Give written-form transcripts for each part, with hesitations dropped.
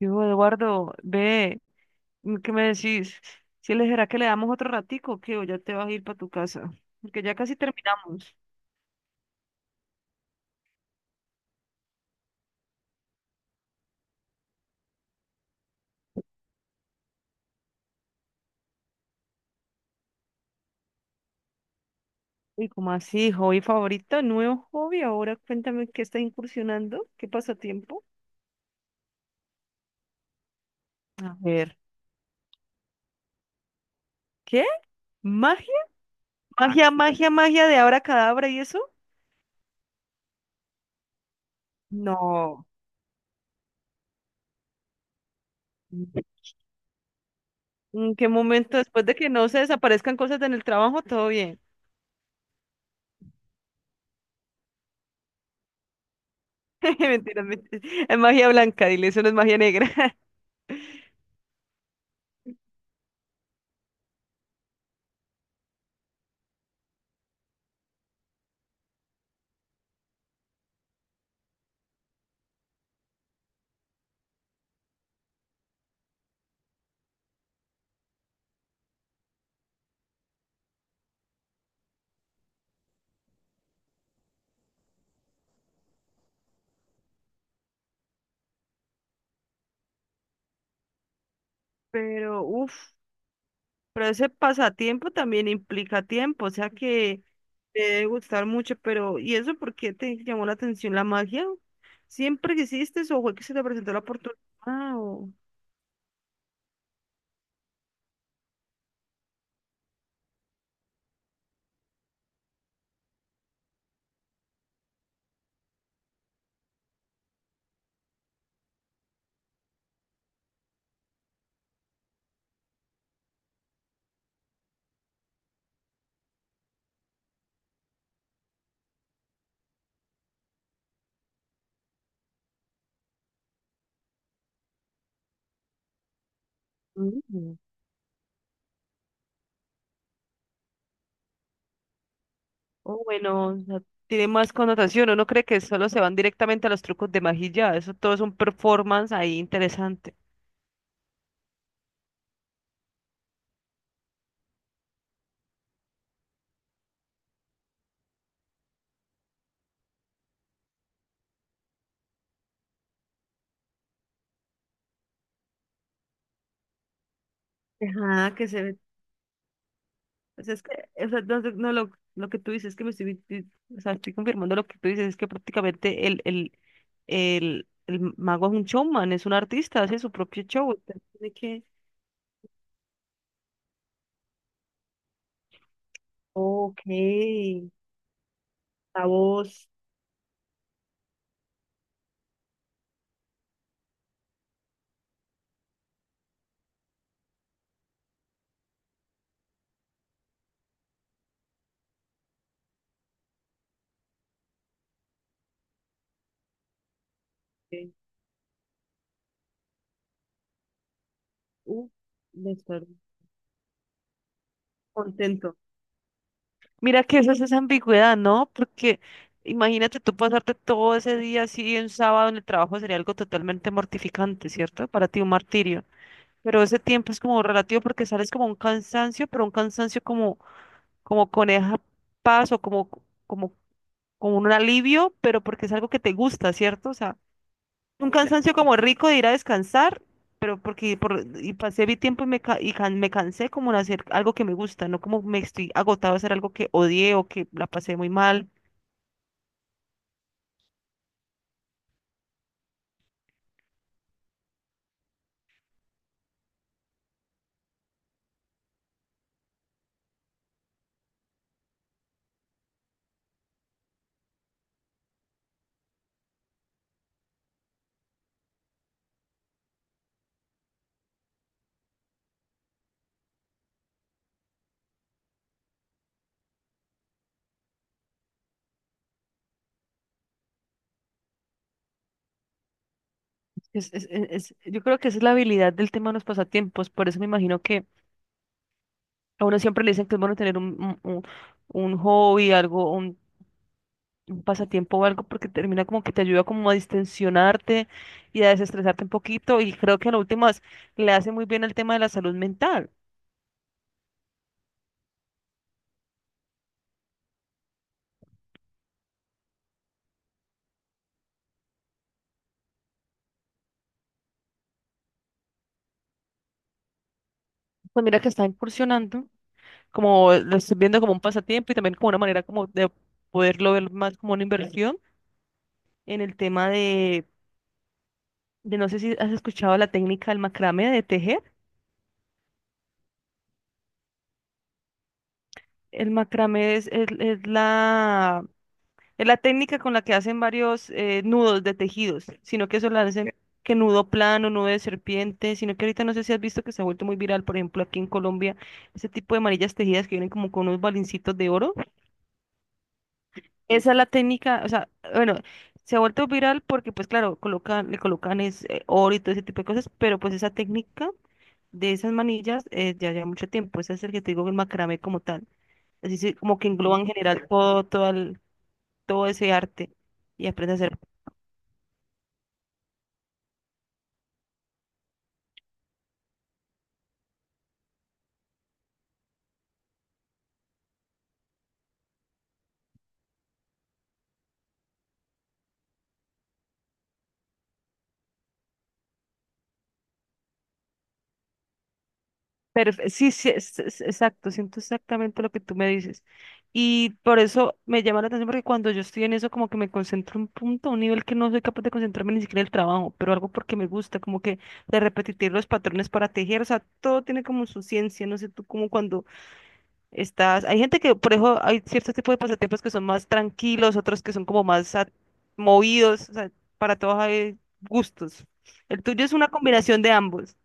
Digo, Eduardo, ve, ¿qué me decís? Si le será que le damos otro ratico, o que o ya te vas a ir para tu casa, porque ya casi terminamos. Y como así, hobby favorito, nuevo hobby, ahora cuéntame qué está incursionando, qué pasatiempo. A ver, ¿qué? ¿Magia? ¿Magia, magia, magia de abra cadabra y eso? No. ¿En qué momento después de que no se desaparezcan cosas en el trabajo, todo bien? Mentiras, mentiras. Es magia blanca, dile, eso no es magia negra. Pero, uff. Pero ese pasatiempo también implica tiempo, o sea que te debe gustar mucho, pero ¿y eso por qué te llamó la atención la magia? ¿Siempre quisiste o fue que se te presentó la oportunidad? O, mm, o bueno, o sea, tiene más connotación, uno cree que solo se van directamente a los trucos de magia, y ya, eso todo es un performance ahí interesante. Ajá, que se... Pues es que, o sea, no, no, lo que tú dices es que me estoy, o sea, estoy confirmando lo que tú dices, es que prácticamente el mago es un showman, es un artista, hace su propio show. Entonces tiene que... Ok, la voz. Ok. Uh, de estar contento. Mira que eso es esa ambigüedad, ¿no? Porque imagínate tú pasarte todo ese día así un sábado en el trabajo sería algo totalmente mortificante, ¿cierto? Para ti un martirio. Pero ese tiempo es como relativo porque sales como un cansancio, pero un cansancio como, como coneja paz o como, como, como un alivio, pero porque es algo que te gusta, ¿cierto? O sea, un cansancio como rico de ir a descansar, pero porque por, y pasé mi tiempo y, me, y me cansé como de hacer algo que me gusta, no como me estoy agotado a hacer algo que odié o que la pasé muy mal. Yo creo que esa es la habilidad del tema de los pasatiempos, por eso me imagino que a uno siempre le dicen que es bueno tener un- un- un hobby, algo, un pasatiempo o algo porque termina como que te ayuda como a distensionarte y a desestresarte un poquito y creo que en últimas le hace muy bien el tema de la salud mental. Pues mira que está incursionando, como lo estoy viendo como un pasatiempo y también como una manera como de poderlo ver más como una inversión en el tema de no sé si has escuchado la técnica del macramé de tejer. El macramé es la... Es la técnica con la que hacen varios nudos de tejidos, sino que eso lo hacen que nudo plano, nudo de serpiente, sino que ahorita no sé si has visto que se ha vuelto muy viral, por ejemplo, aquí en Colombia, ese tipo de manillas tejidas que vienen como con unos balincitos de oro. Esa es la técnica, o sea, bueno, se ha vuelto viral porque pues claro, colocan, le colocan es, oro y todo ese tipo de cosas, pero pues esa técnica de esas manillas ya lleva mucho tiempo, ese es el que te digo, el macramé como tal, así como que engloba en general todo, todo, todo ese arte y aprendes a hacer... sí, sí, exacto, siento exactamente lo que tú me dices. Y por eso me llama la atención porque cuando yo estoy en eso como que me concentro un punto, a un nivel que no soy capaz de concentrarme ni siquiera en el trabajo, pero algo porque me gusta, como que de repetir los patrones para tejer, o sea, todo tiene como su ciencia, no sé tú como cuando estás, hay gente que, por eso hay ciertos tipos de pasatiempos que son más tranquilos, otros que son como más movidos, o sea, para todos hay gustos. El tuyo es una combinación de ambos.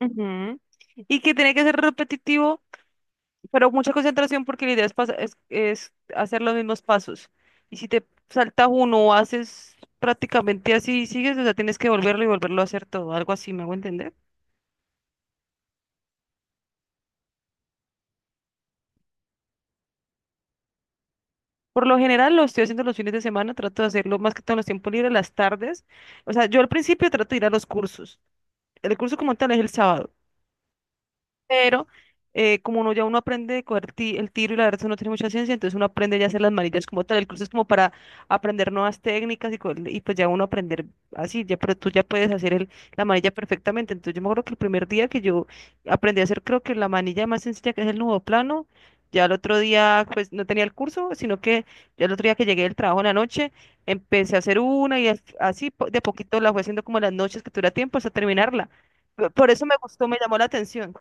Ujú. Y que tiene que ser repetitivo, pero mucha concentración porque la idea es, es hacer los mismos pasos. Y si te saltas uno o haces prácticamente así y sigues, o sea, tienes que volverlo y volverlo a hacer todo, algo así, ¿me hago entender? Por lo general lo estoy haciendo los fines de semana, trato de hacerlo más que todo en los tiempos libres, las tardes. O sea, yo al principio trato de ir a los cursos. El curso como tal es el sábado. Pero como uno ya uno aprende de coger el tiro y la verdad uno tiene mucha ciencia, entonces uno aprende ya a hacer las manillas como tal, el curso es como para aprender nuevas técnicas y, y pues ya uno aprender así, ya, pero tú ya puedes hacer el, la manilla perfectamente, entonces yo me acuerdo que el primer día que yo aprendí a hacer creo que la manilla más sencilla que es el nudo plano, ya el otro día pues no tenía el curso, sino que ya el otro día que llegué del trabajo en la noche, empecé a hacer una y así de poquito la fue haciendo como en las noches que tuviera tiempo hasta terminarla. Por eso me gustó, me llamó la atención.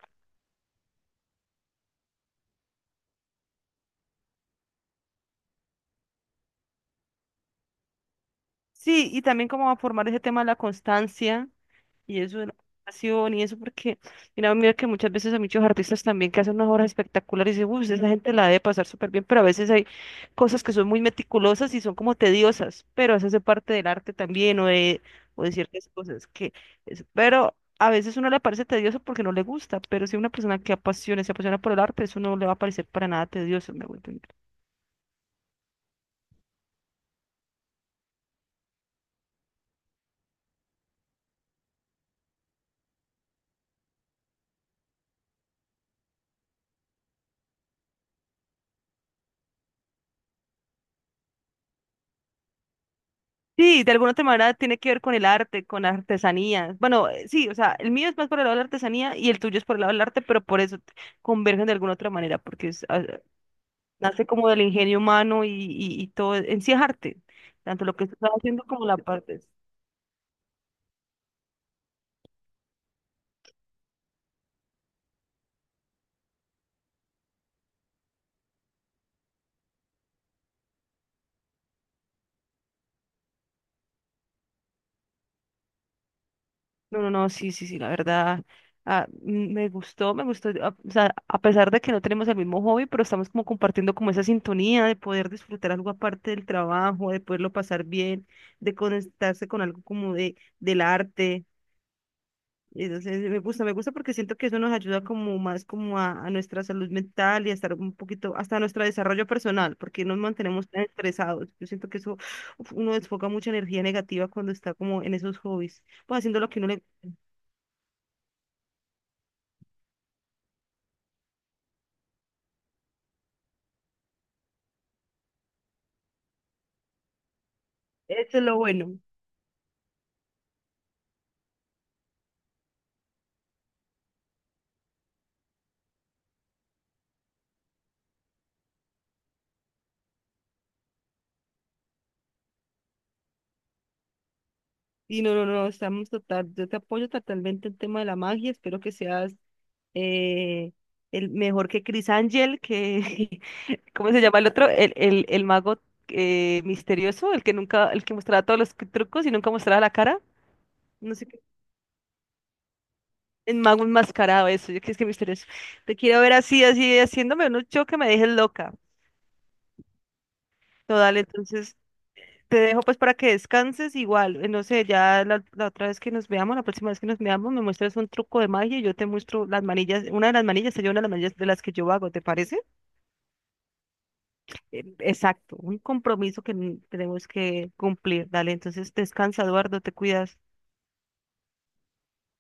Sí, y también como a formar ese tema de la constancia y eso de la pasión y eso, porque mira, mira que muchas veces hay muchos artistas también que hacen unas obras espectaculares y dicen, uy, esa gente la debe pasar súper bien, pero a veces hay cosas que son muy meticulosas y son como tediosas, pero eso hace parte del arte también o de ciertas cosas que, pero a veces uno le parece tedioso porque no le gusta, pero si una persona que apasiona, se apasiona por el arte, eso no le va a parecer para nada tedioso, me voy a entender. Sí, de alguna otra manera tiene que ver con el arte, con la artesanía. Bueno, sí, o sea, el mío es más por el lado de la artesanía y el tuyo es por el lado del arte, pero por eso convergen de alguna otra manera, porque es, ah, nace como del ingenio humano y todo, en sí es arte, tanto lo que tú estás haciendo como la parte. No, no, no, sí, sí, sí, la verdad, ah, mm, me gustó, o sea, a pesar de que no tenemos el mismo hobby, pero estamos como compartiendo como esa sintonía de poder disfrutar algo aparte del trabajo, de poderlo pasar bien, de conectarse con algo como de, del arte, entonces me gusta porque siento que eso nos ayuda como más como a nuestra salud mental y a estar un poquito, hasta a nuestro desarrollo personal, porque nos mantenemos tan estresados, yo siento que eso, uf, uno desfoca mucha energía negativa cuando está como en esos hobbies pues haciendo lo que uno le... Eso es lo bueno. Y no, no, no, estamos total, yo te apoyo totalmente el tema de la magia, espero que seas eh, el mejor que Chris Angel, que, ¿cómo se llama el otro? El mago misterioso, el que nunca, el que mostraba todos los trucos y nunca mostraba la cara, no sé qué, el mago enmascarado, eso, yo que es que misterioso. Te quiero ver así, así, haciéndome un show que me dejes loca, total, entonces... Te dejo pues para que descanses igual. No sé, ya la otra vez que nos veamos, la próxima vez que nos veamos, me muestras un truco de magia y yo te muestro las manillas, una de las manillas, sería una de las manillas de las que yo hago, ¿te parece? Exacto, un compromiso que tenemos que cumplir. Dale, entonces descansa, Eduardo, te cuidas.